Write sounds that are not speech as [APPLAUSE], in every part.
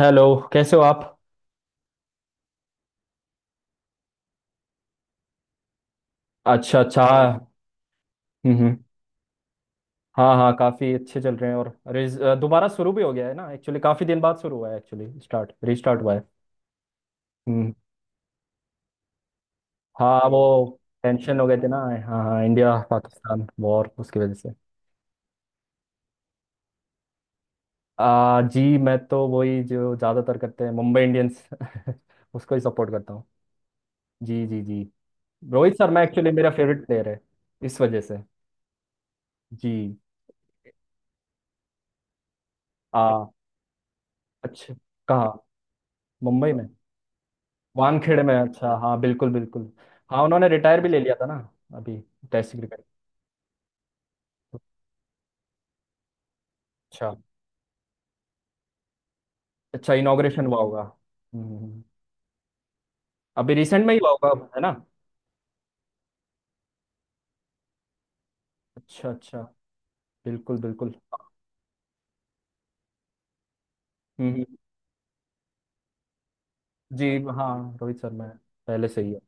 Hello. कैसे हो आप? अच्छा अच्छा, हाँ हाँ। हम्म, हम्म। हाँ हाँ, काफ़ी अच्छे चल रहे हैं। और दोबारा शुरू भी हो गया है ना, एक्चुअली काफ़ी दिन बाद शुरू हुआ है, एक्चुअली स्टार्ट रीस्टार्ट हुआ है। हम्म। हाँ वो टेंशन हो गए थे ना। हाँ हाँ, इंडिया पाकिस्तान वॉर, उसकी वजह से। जी मैं तो वही जो ज़्यादातर करते हैं, मुंबई इंडियंस [LAUGHS] उसको ही सपोर्ट करता हूँ। जी जी जी। रोहित शर्मा एक्चुअली मेरा फेवरेट प्लेयर है, इस वजह से। जी। आ। अच्छा। कहाँ? मुंबई में? वानखेड़े में? अच्छा हाँ, बिल्कुल बिल्कुल। हाँ उन्होंने रिटायर भी ले लिया था ना अभी, टेस्ट क्रिकेट। अच्छा अच्छा, इनॉग्रेशन हुआ होगा। हम्म। अभी रिसेंट में ही हुआ होगा है ना। अच्छा अच्छा, बिल्कुल बिल्कुल। हम्म, जी। हाँ रोहित शर्मा है, पहले से ही है।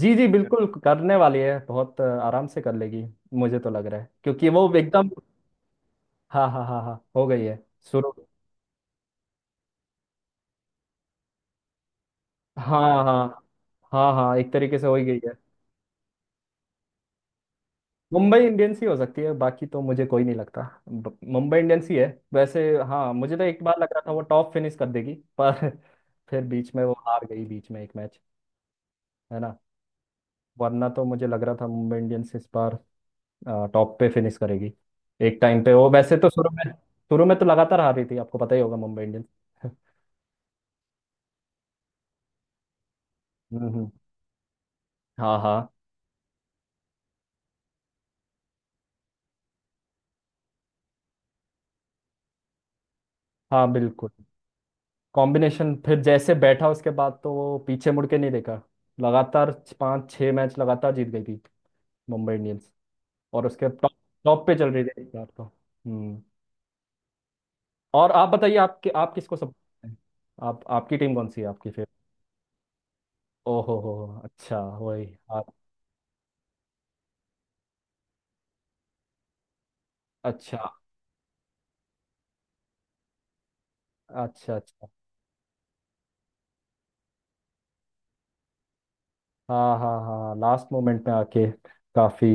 जी जी, बिल्कुल करने वाली है, बहुत आराम से कर लेगी। मुझे तो लग रहा है क्योंकि वो एकदम। हाँ हाँ हाँ हाँ, हो गई है, शुरू। हाँ हाँ हाँ हाँ, एक तरीके से हो ही गई है। मुंबई इंडियंस ही हो सकती है, बाकी तो मुझे कोई नहीं लगता। मुंबई इंडियंस ही है वैसे। हाँ मुझे तो एक बार लग रहा था वो टॉप फिनिश कर देगी, पर [LAUGHS] फिर बीच में वो हार गई, बीच में एक मैच, है ना। वरना तो मुझे लग रहा था मुंबई इंडियंस इस बार टॉप पे फिनिश करेगी। एक टाइम पे वो, वैसे तो शुरू में तो लगातार हार रही थी, आपको पता ही होगा, मुंबई इंडियंस [LAUGHS] हम्म, हम्म। हाँ हाँ। हाँ बिल्कुल। कॉम्बिनेशन फिर जैसे बैठा, उसके बाद तो वो पीछे मुड़ के नहीं देखा, लगातार पांच छह मैच लगातार जीत गई थी मुंबई इंडियंस, और उसके टॉप, टॉप पे चल रही थी इस बार तो। हम्म। और आप बताइए, आप आप किसको सपोर्ट करते हैं? आप आपकी टीम कौन सी है आपकी फिर? ओ हो, अच्छा वही। आप। अच्छा अच्छा अच्छा। हाँ हाँ हाँ, लास्ट मोमेंट में आके, काफी।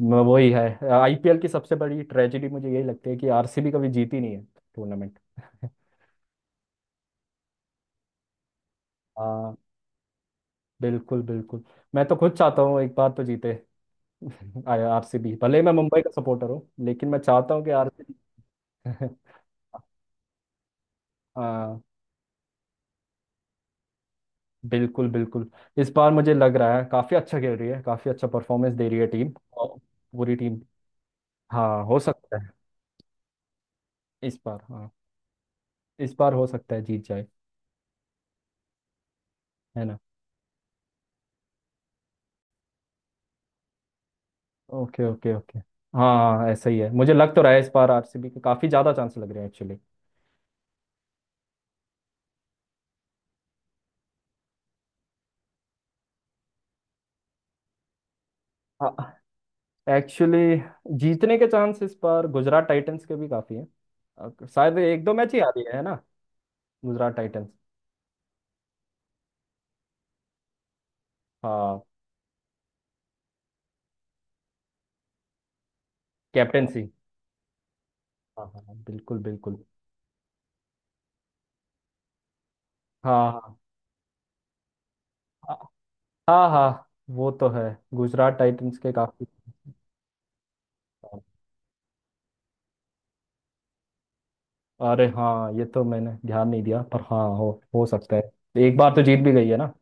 वही है आईपीएल की सबसे बड़ी ट्रेजेडी, मुझे यही लगती है कि आरसीबी कभी जीती नहीं है टूर्नामेंट [LAUGHS] हाँ बिल्कुल बिल्कुल। मैं तो खुद चाहता हूँ एक बार तो जीते [LAUGHS] आरसीबी, भले ही मैं मुंबई का सपोर्टर हूँ, लेकिन मैं चाहता हूँ कि आरसीबी [LAUGHS] हाँ बिल्कुल बिल्कुल। इस बार मुझे लग रहा है काफ़ी अच्छा खेल रही है, काफ़ी अच्छा परफॉर्मेंस दे रही है टीम, और पूरी टीम। हाँ हो सकता है। इस बार हाँ, इस बार हो सकता है जीत जाए, है ना। Okay okay okay. हाँ हाँ ऐसा ही है, मुझे लग तो रहा है इस बार आरसीबी के काफ़ी ज़्यादा चांस लग रहे हैं एक्चुअली। एक्चुअली जीतने के चांस इस बार गुजरात टाइटंस के भी काफ़ी हैं। शायद एक दो मैच ही आ रही है ना, गुजरात टाइटंस। हाँ। कैप्टेंसी। हाँ हाँ हाँ, बिल्कुल बिल्कुल। हाँ हाँ। हाँ। हाँ हाँ वो तो है, गुजरात टाइटंस के काफी। अरे हाँ ये तो मैंने ध्यान नहीं दिया, पर हाँ हो सकता है। एक बार तो जीत भी गई है ना।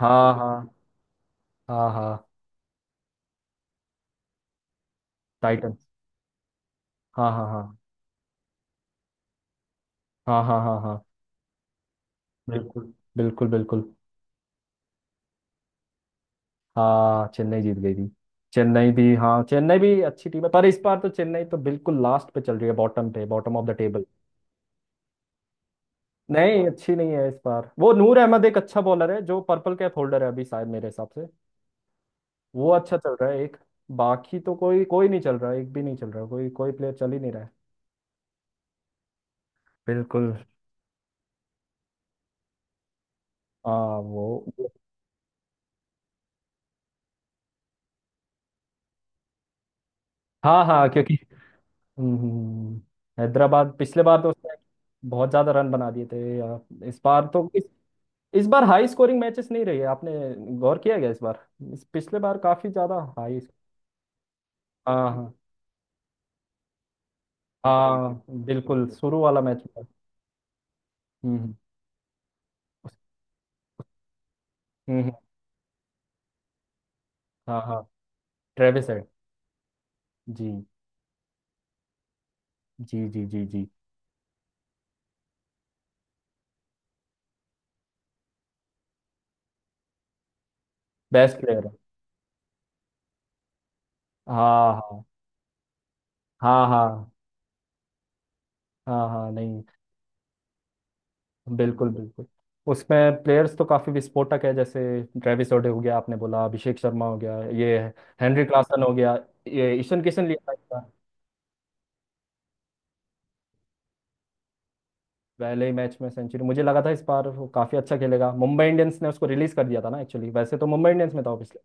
हाँ हाँ हाँ हाँ। टाइटंस। हाँ हाँ हाँ हाँ हाँ हाँ हाँ। बिल्कुल बिल्कुल बिल्कुल। हाँ चेन्नई जीत गई थी। चेन्नई भी हाँ, चेन्नई भी अच्छी टीम है, पर इस बार तो चेन्नई तो बिल्कुल लास्ट पे चल रही है, बॉटम पे, बॉटम ऑफ द टेबल। नहीं अच्छी नहीं है इस बार वो। नूर अहमद एक अच्छा बॉलर है जो पर्पल कैप होल्डर है अभी शायद, मेरे हिसाब से वो अच्छा चल रहा है, एक। बाकी तो कोई कोई नहीं चल रहा, एक भी नहीं चल रहा, कोई कोई प्लेयर चल ही नहीं रहा है। बिल्कुल। हाँ वो। हाँ हाँ क्योंकि, हम्म, हम्म, हम्म, हैदराबाद पिछले बार तो उसने बहुत ज्यादा रन बना दिए थे या। इस बार तो इस, इस बार हाई स्कोरिंग मैचेस नहीं रही है, आपने गौर किया गया इस बार, इस पिछले बार काफी ज्यादा हाई। हाँ हाँ। हाँ बिल्कुल, शुरू वाला मैच था। हम्म, हम्म, हम्म। हाँ हाँ, ट्रेविस हेड। जी जी जी जी। जी बेस्ट प्लेयर है। हाँ हाँ हाँ हाँ। हाँ हाँ नहीं, बिल्कुल बिल्कुल। उसमें प्लेयर्स तो काफी विस्फोटक है, जैसे ट्रेविस ओडे हो गया, आपने बोला, अभिषेक शर्मा हो गया, ये हेनरी क्लासन हो गया, ये ईशन किशन लिया था इस बार। पहले ही मैच में सेंचुरी, मुझे लगा था इस बार वो काफी अच्छा खेलेगा। मुंबई इंडियंस ने उसको रिलीज कर दिया था ना एक्चुअली, वैसे तो मुंबई इंडियंस में था वो पिछले।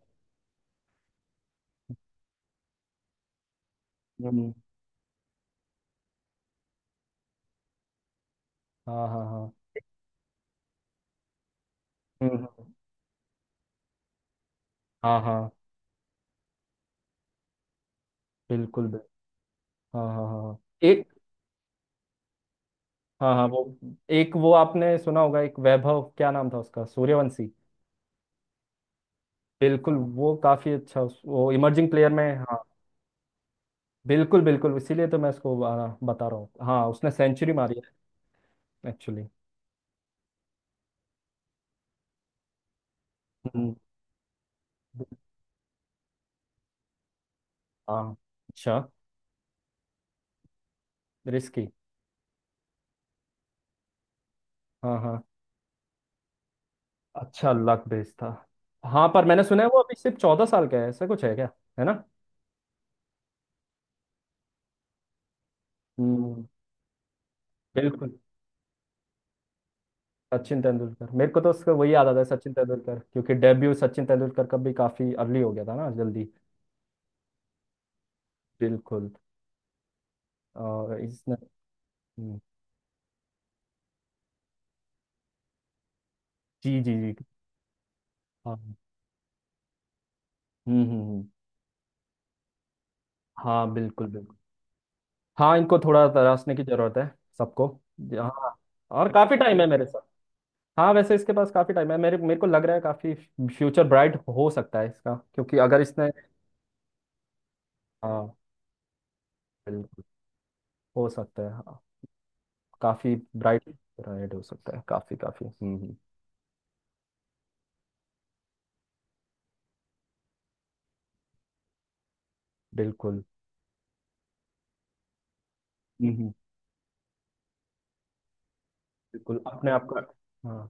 हम्म, हाँ हाँ हाँ। हम्म, हम्म। हाँ हाँ, बिल्कुल बिल्कुल। हाँ हाँ हाँ हाँ। एक। हाँ हाँ वो। एक वो आपने सुना होगा, एक वैभव, क्या नाम था उसका, सूर्यवंशी। बिल्कुल वो काफी अच्छा, वो इमर्जिंग प्लेयर में हाँ। बिल्कुल बिल्कुल, इसीलिए तो मैं इसको बता रहा हूँ, हाँ उसने सेंचुरी मारी है एक्चुअली। हम्म। हाँ। अच्छा। रिस्की। हाँ हाँ। अच्छा लक बेस था। हाँ पर मैंने सुना है वो अभी सिर्फ 14 साल का है, ऐसा कुछ है क्या, है ना? हम्म। बिल्कुल। सचिन तेंदुलकर, मेरे को तो उसका वही याद आता है, सचिन तेंदुलकर, क्योंकि डेब्यू सचिन तेंदुलकर का भी काफी अर्ली हो गया था ना, जल्दी। बिल्कुल। और इसने। हम्म, जी जी जी। हाँ। हम्म, हम्म, हाँ बिल्कुल बिल्कुल। हाँ इनको थोड़ा तराशने की जरूरत है, सबको। हाँ। और काफी टाइम है मेरे साथ। हाँ वैसे इसके पास काफी टाइम है, मेरे मेरे को लग रहा है काफी फ्यूचर ब्राइट हो सकता है इसका, क्योंकि अगर इसने। हाँ बिल्कुल। हो सकता है हाँ, काफी ब्राइट, ब्राइट हो सकता है, काफी काफी। हम्म, हम्म। बिल्कुल। हम्म, हम्म। बिल्कुल अपने आप का। हाँ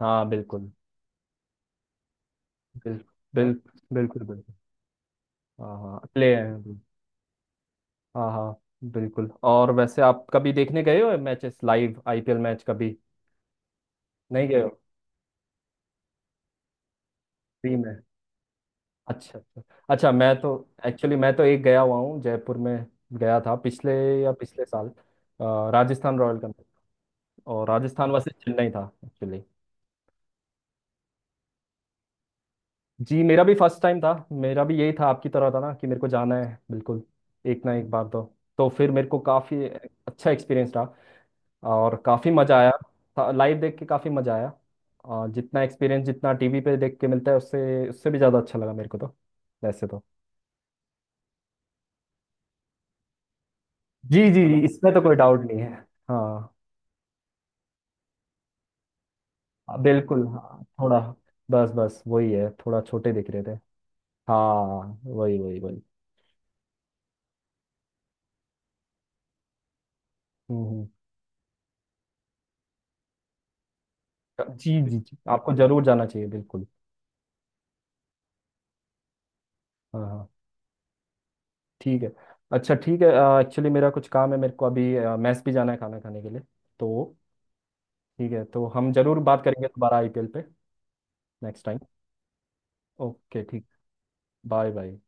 हाँ। बिल्कुल बिल्कुल बिल्कुल। बिल्कुल। बिल्कुल। हाँ हाँ अगले हैं। हाँ हाँ बिल्कुल। और वैसे आप कभी देखने गए हो मैचेस, लाइव आईपीएल मैच कभी? नहीं गए हो, फ्री में? अच्छा अच्छा। अच्छा मैं तो एक्चुअली, मैं तो एक गया हुआ हूँ जयपुर में, गया था पिछले या पिछले साल। राजस्थान रॉयल का मैच, और राजस्थान वर्सेस चेन्नई था एक्चुअली। जी मेरा भी फर्स्ट टाइम था, मेरा भी यही था आपकी तरह था ना कि मेरे को जाना है, बिल्कुल एक ना एक बार तो। तो फिर मेरे को काफ़ी अच्छा एक्सपीरियंस रहा, और काफ़ी मज़ा आया, लाइव देख के काफ़ी मज़ा आया। जितना एक्सपीरियंस जितना टीवी पे देख के मिलता है, उससे उससे भी ज़्यादा अच्छा लगा मेरे को तो, वैसे तो। जी जी जी, इसमें तो कोई डाउट नहीं है। हाँ, हाँ, बिल्कुल हाँ, थोड़ा बस बस वही है, थोड़ा छोटे दिख रहे थे। हाँ। वही वही वही। हम्म। हम्म। जी जी जी, आपको जरूर जाना चाहिए बिल्कुल। हाँ हाँ। ठीक है, अच्छा ठीक है। एक्चुअली मेरा कुछ काम है, मेरे को अभी मैस भी जाना है खाना खाने के लिए, तो ठीक है, तो हम जरूर बात करेंगे दोबारा आईपीएल पे नेक्स्ट टाइम। ओके ठीक। Bye bye.